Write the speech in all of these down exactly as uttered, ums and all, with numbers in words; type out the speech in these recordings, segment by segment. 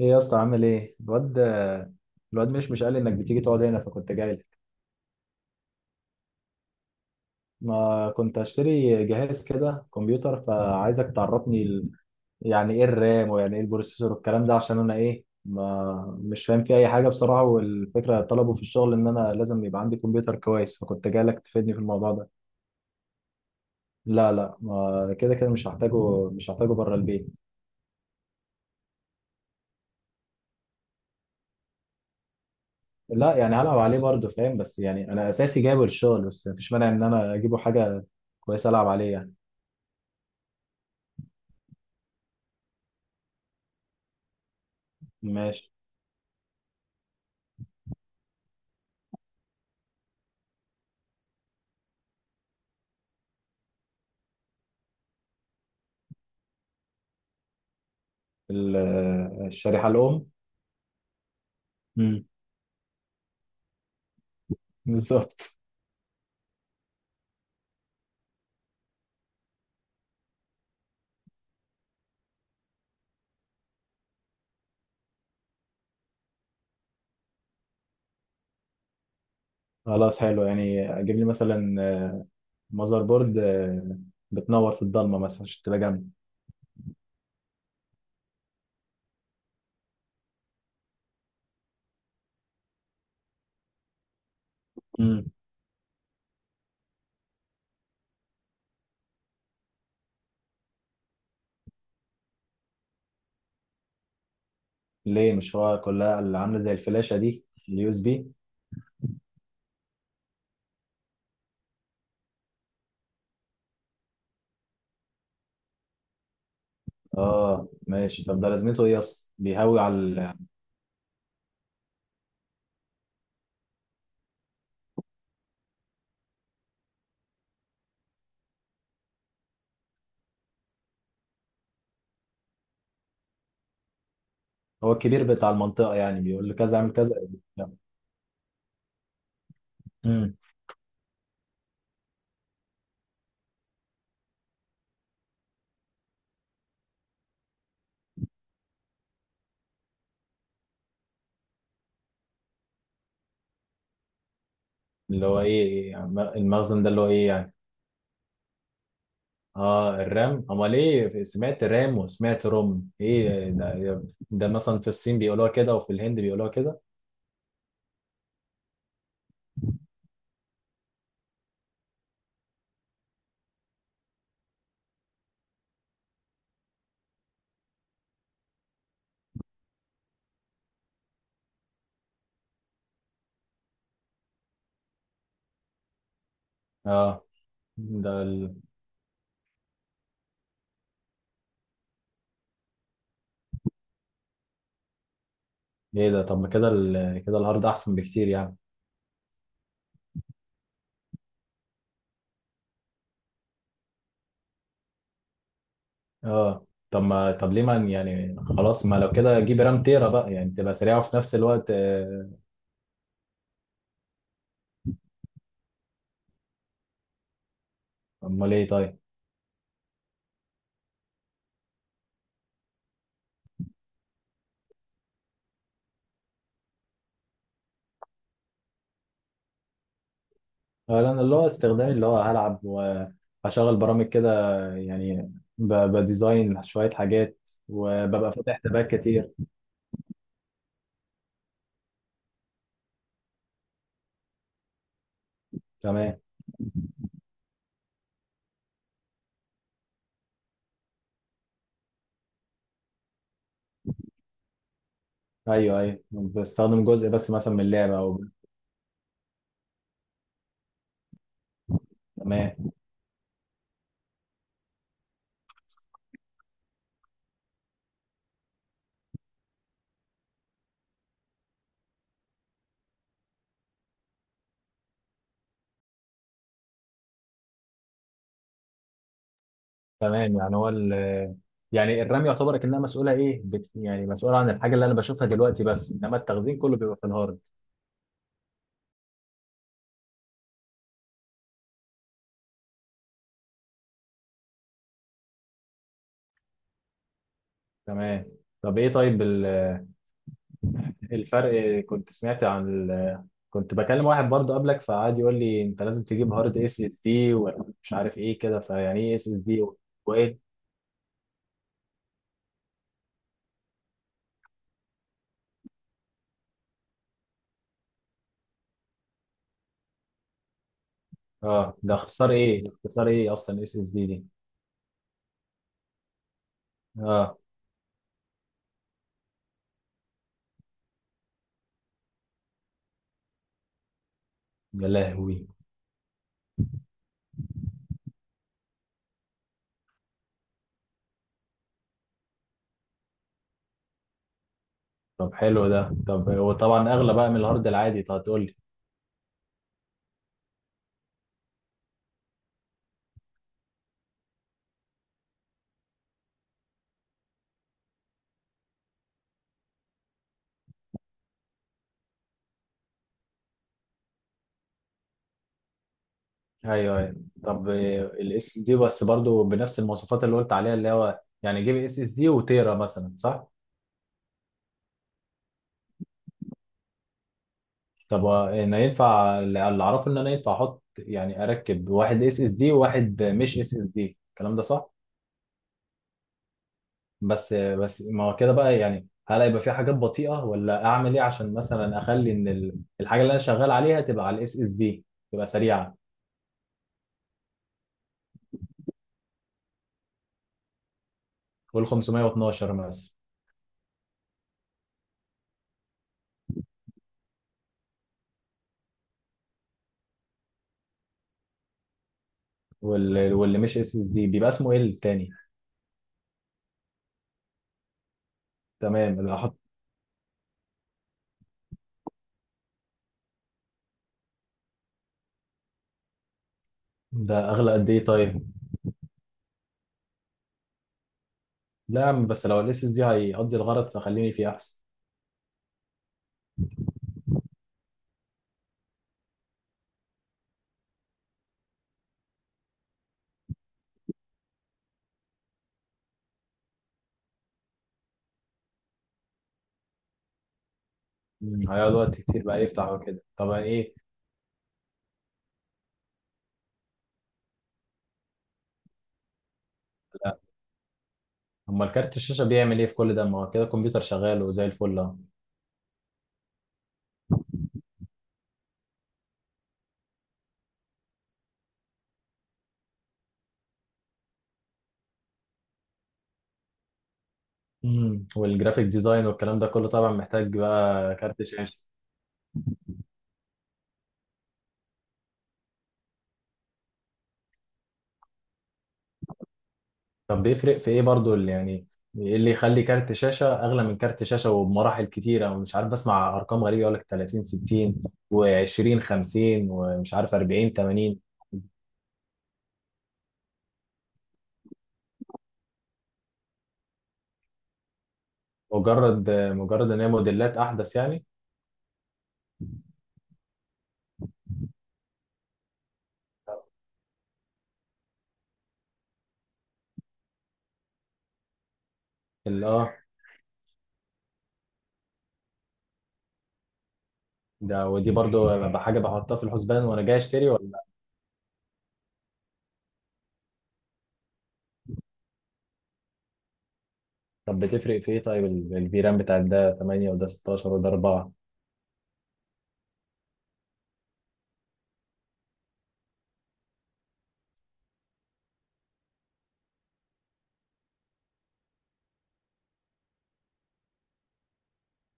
ايه يا اسطى عامل ايه الواد؟ الواد مش مش قال لي انك بتيجي تقعد هنا فكنت جاي لك. ما كنت اشتري جهاز كده كمبيوتر، فعايزك تعرفني ال... يعني ايه الرام، ويعني ايه البروسيسور والكلام ده، عشان انا ايه، ما مش فاهم فيه اي حاجه بصراحه. والفكره طلبوا في الشغل ان انا لازم يبقى عندي كمبيوتر كويس، فكنت جاي لك تفيدني في الموضوع ده. لا لا، ما كده كده مش هحتاجه مش هحتاجه بره البيت. لا يعني هلعب عليه برضه فاهم، بس يعني انا اساسي جايبه للشغل، بس مفيش مانع ان انا اجيبه حاجه كويسه العب عليه يعني. ماشي. ال- الشريحة الأم. مم. بالظبط. خلاص حلو، يعني أجيب لي مثلا ماذر بورد، آه، بتنور في الضلمة مثلا عشان تبقى جنبي. مم. ليه؟ مش هو كلها اللي عاملة زي الفلاشة دي، اليو اس بي. اه ماشي، طب ده لازمته ايه اصلا؟ بيهوي على ال... هو الكبير بتاع المنطقة يعني، بيقول له كذا اعمل كذا. لا. مم. اللي هو ايه يعني؟ المخزن ده اللي هو ايه يعني؟ اه الرام، امال ايه؟ سمعت رام وسمعت روم، ايه ده؟ ده مثلا في الصين بيقولوها كده وفي الهند بيقولوها كده. اه، ده ال... ايه ده؟ طب ما كده ال... كده الهارد احسن بكتير يعني. اه طب ما طب ليه ما، يعني خلاص، ما لو كده جيب رام تيرا بقى، يعني تبقى سريعه وفي نفس الوقت آه، امال ايه طيب؟ آه، لان اللي هو استخدامي اللي هو هلعب وهشغل برامج كده، يعني ب... بديزاين شويه حاجات، وببقى فاتح تابات كتير. تمام. ايوه ايوه، بستخدم جزء بس مثلا من اللعبه او. تمام. تمام، يعني هو ال، يعني الرمي يعتبر كأنها مسؤولة إيه؟ بت، يعني مسؤولة عن الحاجة اللي أنا بشوفها دلوقتي بس، إنما التخزين كله بيبقى في الهارد. تمام. طب إيه طيب؟ ال- الفرق، كنت سمعت عن ال... كنت بكلم واحد برضه قبلك فقعد يقول لي أنت لازم تجيب هارد اس اس دي ومش عارف إيه كده، فيعني إيه اس اس دي وإيه؟ آه، ده اختصار إيه؟ اختصار إيه أصلا اس اس دي دي؟ آه. يا لهوي. طب حلو ده، طب وطبعا أغلى بقى من الهارد العادي، طب هتقول. ايوه ايوه، طب الاس اس دي بس برضو بنفس المواصفات اللي قلت عليها، اللي هو يعني جيب اس اس دي وتيرا مثلا صح؟ طب هو انا ينفع، اللي اعرفه ان انا ينفع احط يعني اركب واحد اس اس دي وواحد مش اس اس دي، الكلام ده صح؟ بس بس ما هو كده بقى يعني، هل هيبقى في حاجات بطيئة؟ ولا اعمل ايه عشان مثلا اخلي ان ال- الحاجة اللي انا شغال عليها تبقى على الاس اس دي، تبقى سريعة. وال خمسمائة واثنا عشر مثلا. وال- واللي مش اس اس دي بيبقى اسمه ايه التاني؟ تمام، اللي احط. ده اغلى قد ايه طيب؟ لا يا عم، بس لو الاسس دي هيقضي الغرض فخليني فيه احسن. مم. هيقعد وقت كتير بقى يفتح وكده؟ طب ايه؟ لا. امال كارت الشاشه بيعمل ايه في كل ده؟ ما هو كده الكمبيوتر شغال وزي الفل اهو. مم. والجرافيك ديزاين والكلام ده كله طبعا محتاج بقى كارت شاشه. طب بيفرق في ايه برضو اللي يعني، ايه اللي يخلي كارت شاشه اغلى من كارت شاشه وبمراحل كتيره؟ ومش عارف، بسمع ارقام غريبه، يقول لك تلاتين ستين و20 عشرين ومش عارف اربعين ثمانين. مجرد مجرد ان هي موديلات احدث يعني؟ ال- اه، ده ودي برضو بقى حاجة بحطها في الحسبان وانا جاي اشتري ولا؟ طب بتفرق في ايه طيب ال- الفيران بتاع، ده ثمانية وده ستاشر وده أربعة؟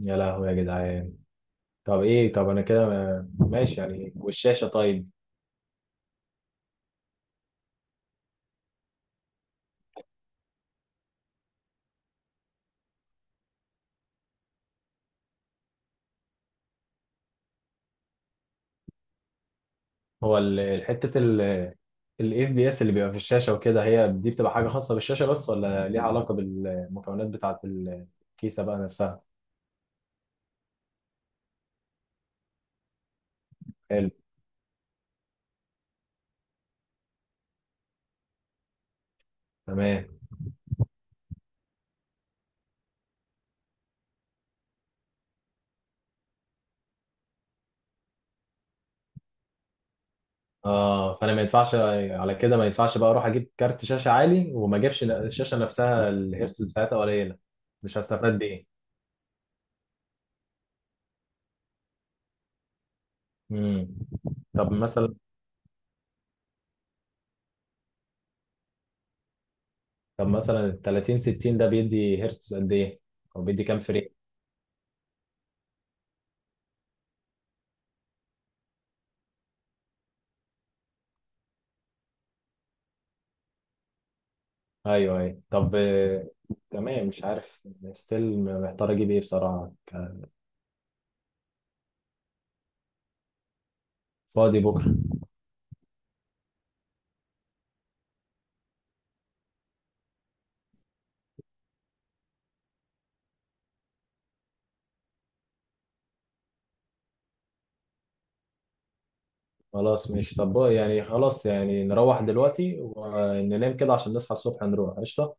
يا لهوي يا جدعان. طب ايه؟ طب انا كده ماشي يعني. والشاشة طيب؟ هو ال- حتة ال الاف بي اس اللي بيبقى في الشاشة وكده، هي دي بتبقى حاجة خاصة بالشاشة بس ولا ليها علاقة بالمكونات بتاعة الكيسة بقى نفسها؟ حلو. تمام. اه، فانا ما ينفعش، على كده ما ينفعش بقى اروح اجيب كارت شاشه عالي وما اجيبش الشاشه نفسها الهيرتز بتاعتها قليله. مش هستفاد بايه. امم. طب مثلا، طب مثلا ال تلاتين ستين ده بيدي هيرتز قد ايه؟ او بيدي كام فريم؟ ايوه ايوه طب آه، تمام، مش عارف. ستيل محتار اجيب ايه بصراحه، ك-. فاضي بكره. خلاص ماشي، طب بقى يعني خلاص، يعني نروح دلوقتي وننام كده عشان نصحى الصبح نروح قشطه.